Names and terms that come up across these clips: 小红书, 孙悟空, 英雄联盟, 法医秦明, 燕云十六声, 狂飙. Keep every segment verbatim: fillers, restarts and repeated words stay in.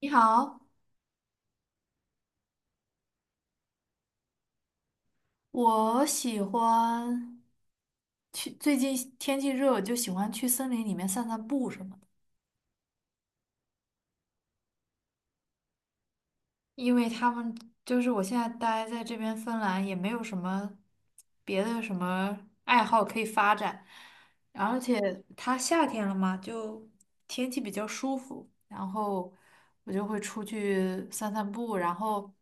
你好，我喜欢去，最近天气热，我就喜欢去森林里面散散步什么的。因为他们就是我现在待在这边芬兰，也没有什么别的什么爱好可以发展，而且它夏天了嘛，就天气比较舒服，然后我就会出去散散步，然后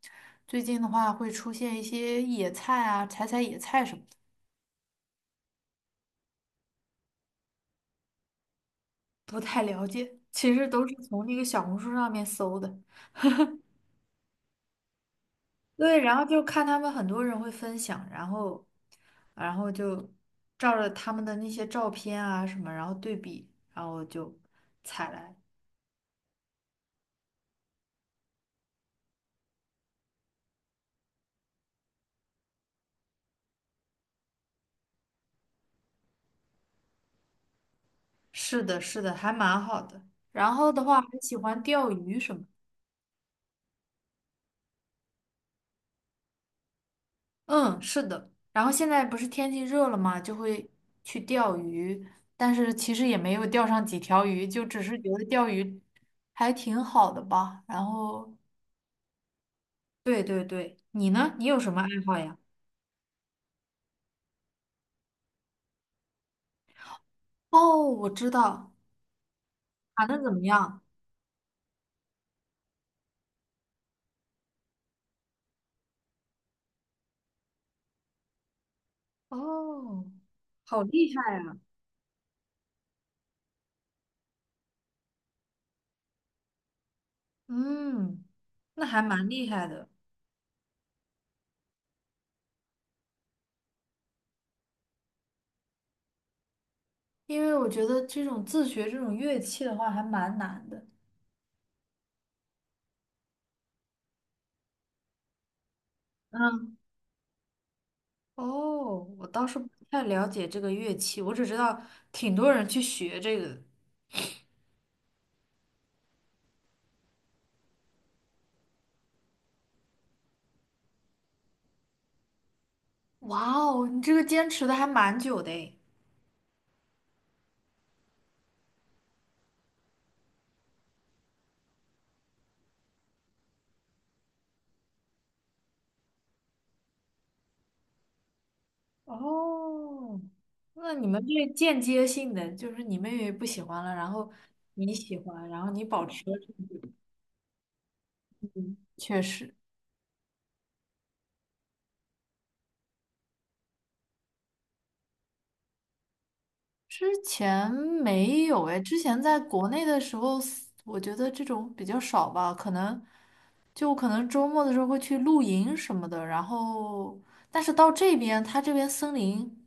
最近的话会出现一些野菜啊，采采野菜什么的。不太了解，其实都是从那个小红书上面搜的。对，然后就看他们很多人会分享，然后，然后就照着他们的那些照片啊什么，然后对比，然后就采来。是的，是的，还蛮好的。然后的话，还喜欢钓鱼什么。嗯，是的。然后现在不是天气热了嘛，就会去钓鱼，但是其实也没有钓上几条鱼，就只是觉得钓鱼还挺好的吧。然后，对对对，你呢？你有什么爱好呀？哦，我知道，弹的怎么样？哦，好厉害啊！嗯，那还蛮厉害的。因为我觉得这种自学这种乐器的话还蛮难的。嗯，哦，我倒是不太了解这个乐器，我只知道挺多人去学这个的。哇哦，你这个坚持的还蛮久的诶。哦，那你们这间接性的，就是你妹妹不喜欢了，然后你喜欢，然后你保持了这个。确实。之前没有哎，之前在国内的时候，我觉得这种比较少吧，可能就我可能周末的时候会去露营什么的，然后，但是到这边，它这边森林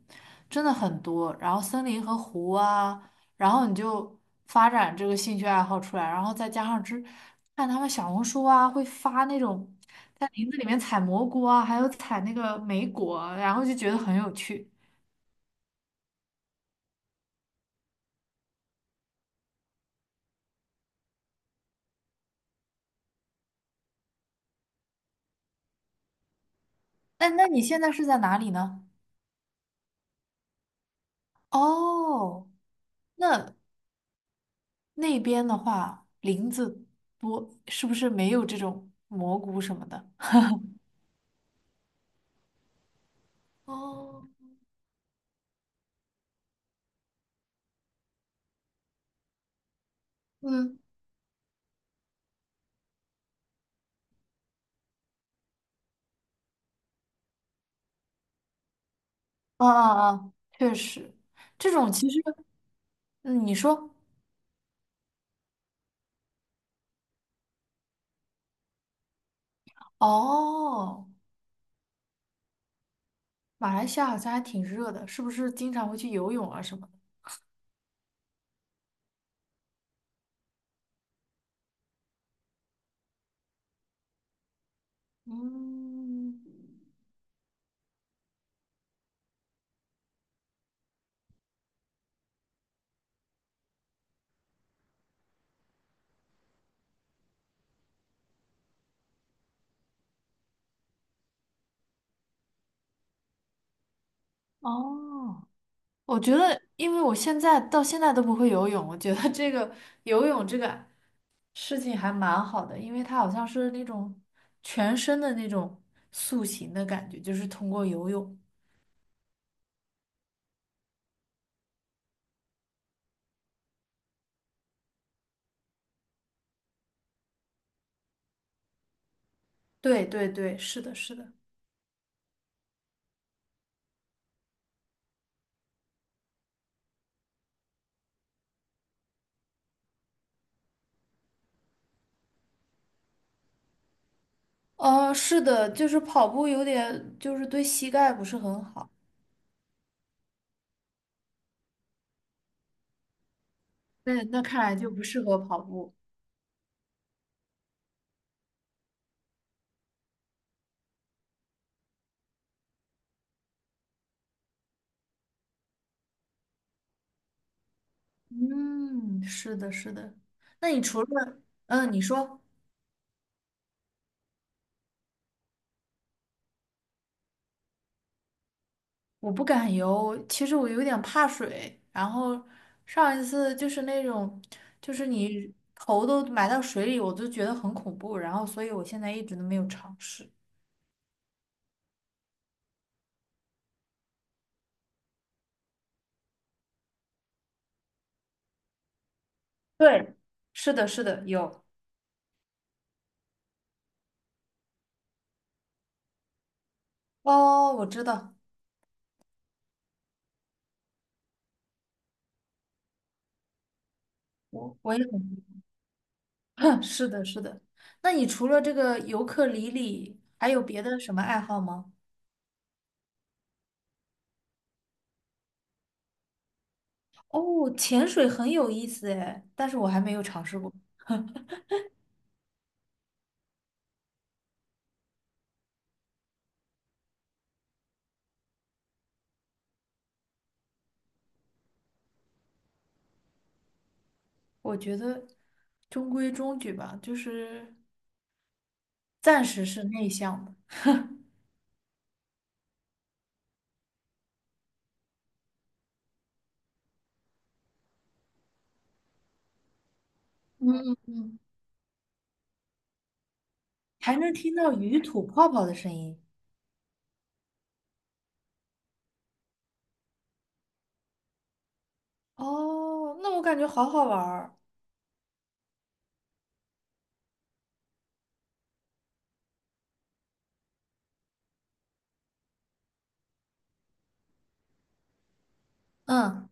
真的很多，然后森林和湖啊，然后你就发展这个兴趣爱好出来，然后再加上之看他们小红书啊，会发那种在林子里面采蘑菇啊，还有采那个莓果啊然后就觉得很有趣。那那你现在是在哪里呢？哦，那那边的话，林子多，是不是没有这种蘑菇什么的？哦，嗯，啊啊啊，确实，这种其实，嗯，你说，哦，马来西亚好像还挺热的，是不是经常会去游泳啊什么的。嗯，哦，我觉得，因为我现在到现在都不会游泳，我觉得这个游泳这个事情还蛮好的，因为它好像是那种全身的那种塑形的感觉，就是通过游泳。对对对，是的，是的。哦，是的，就是跑步有点，就是对膝盖不是很好。那那看来就不适合跑步。嗯，是的，是的。那你除了，嗯，你说，我不敢游，其实我有点怕水。然后上一次就是那种，就是你头都埋到水里，我都觉得很恐怖。然后，所以我现在一直都没有尝试。对，是的，是的，有。哦，我知道，我我也很。是的，是的。那你除了这个尤克里里，还有别的什么爱好吗？哦，潜水很有意思诶，但是我还没有尝试过。我觉得中规中矩吧，就是暂时是内向的，嗯嗯嗯。还能听到鱼吐泡泡的声音。哦，那我感觉好好玩儿。嗯，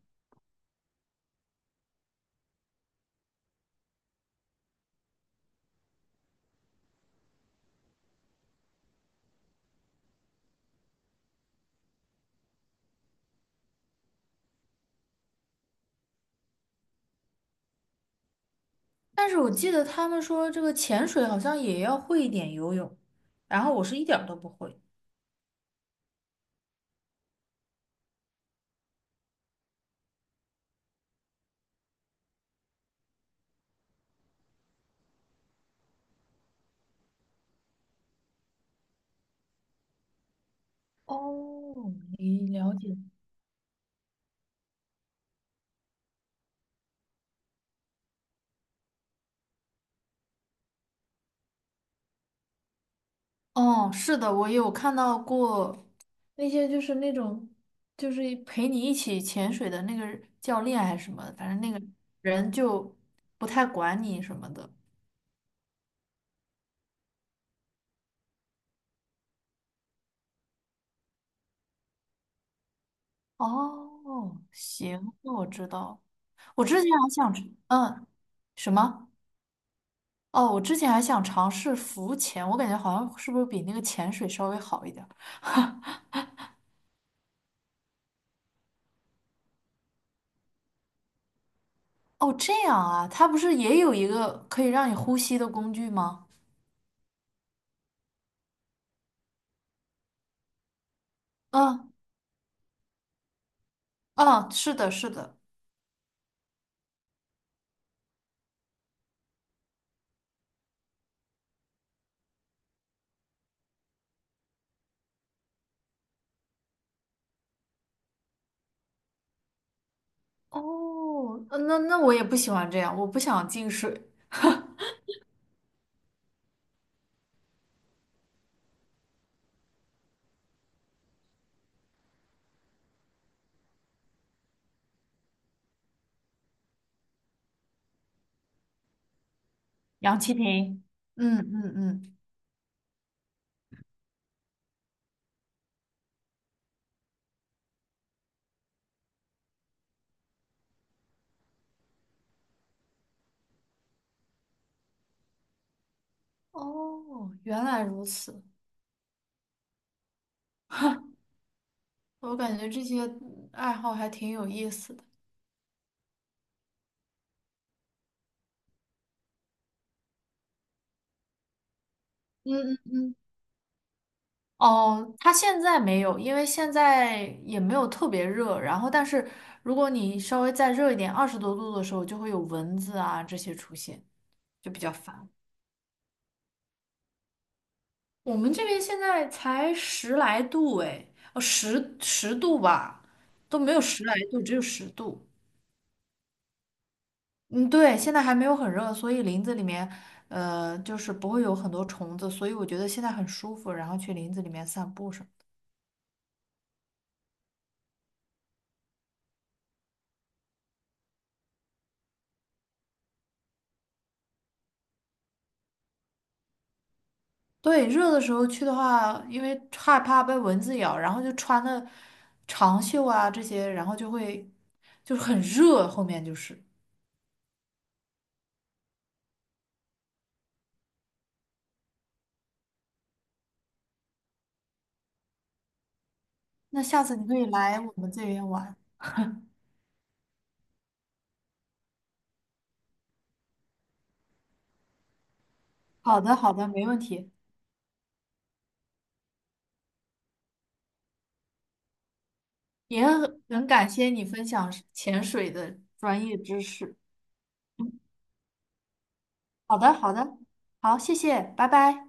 但是我记得他们说这个潜水好像也要会一点游泳，然后我是一点儿都不会。哦，你了解。哦，是的，我有看到过那些就是那种就是一陪你一起潜水的那个教练还是什么的，反正那个人就不太管你什么的。哦，行，那我知道。我之前还想吃。嗯，什么？哦，我之前还想尝试浮潜，我感觉好像是不是比那个潜水稍微好一点儿？哦，这样啊，它不是也有一个可以让你呼吸的工具吗？嗯嗯，是的，是的。哦，呃那那我也不喜欢这样，我不想进水。氧气瓶。嗯嗯嗯，哦，原来如此，我感觉这些爱好还挺有意思的。嗯嗯嗯。哦，它现在没有，因为现在也没有特别热。然后，但是如果你稍微再热一点，二十多度的时候，就会有蚊子啊这些出现，就比较烦。我们这边现在才十来度哎，哦，十十度吧，都没有十来度，只有十度。嗯，对，现在还没有很热，所以林子里面，呃，就是不会有很多虫子，所以我觉得现在很舒服，然后去林子里面散步什么。对，热的时候去的话，因为害怕被蚊子咬，然后就穿的长袖啊这些，然后就会就是很热，后面就是。那下次你可以来我们这边玩。好的，好的，没问题。也很感谢你分享潜水的专业知识。好的，好的，好，谢谢，拜拜。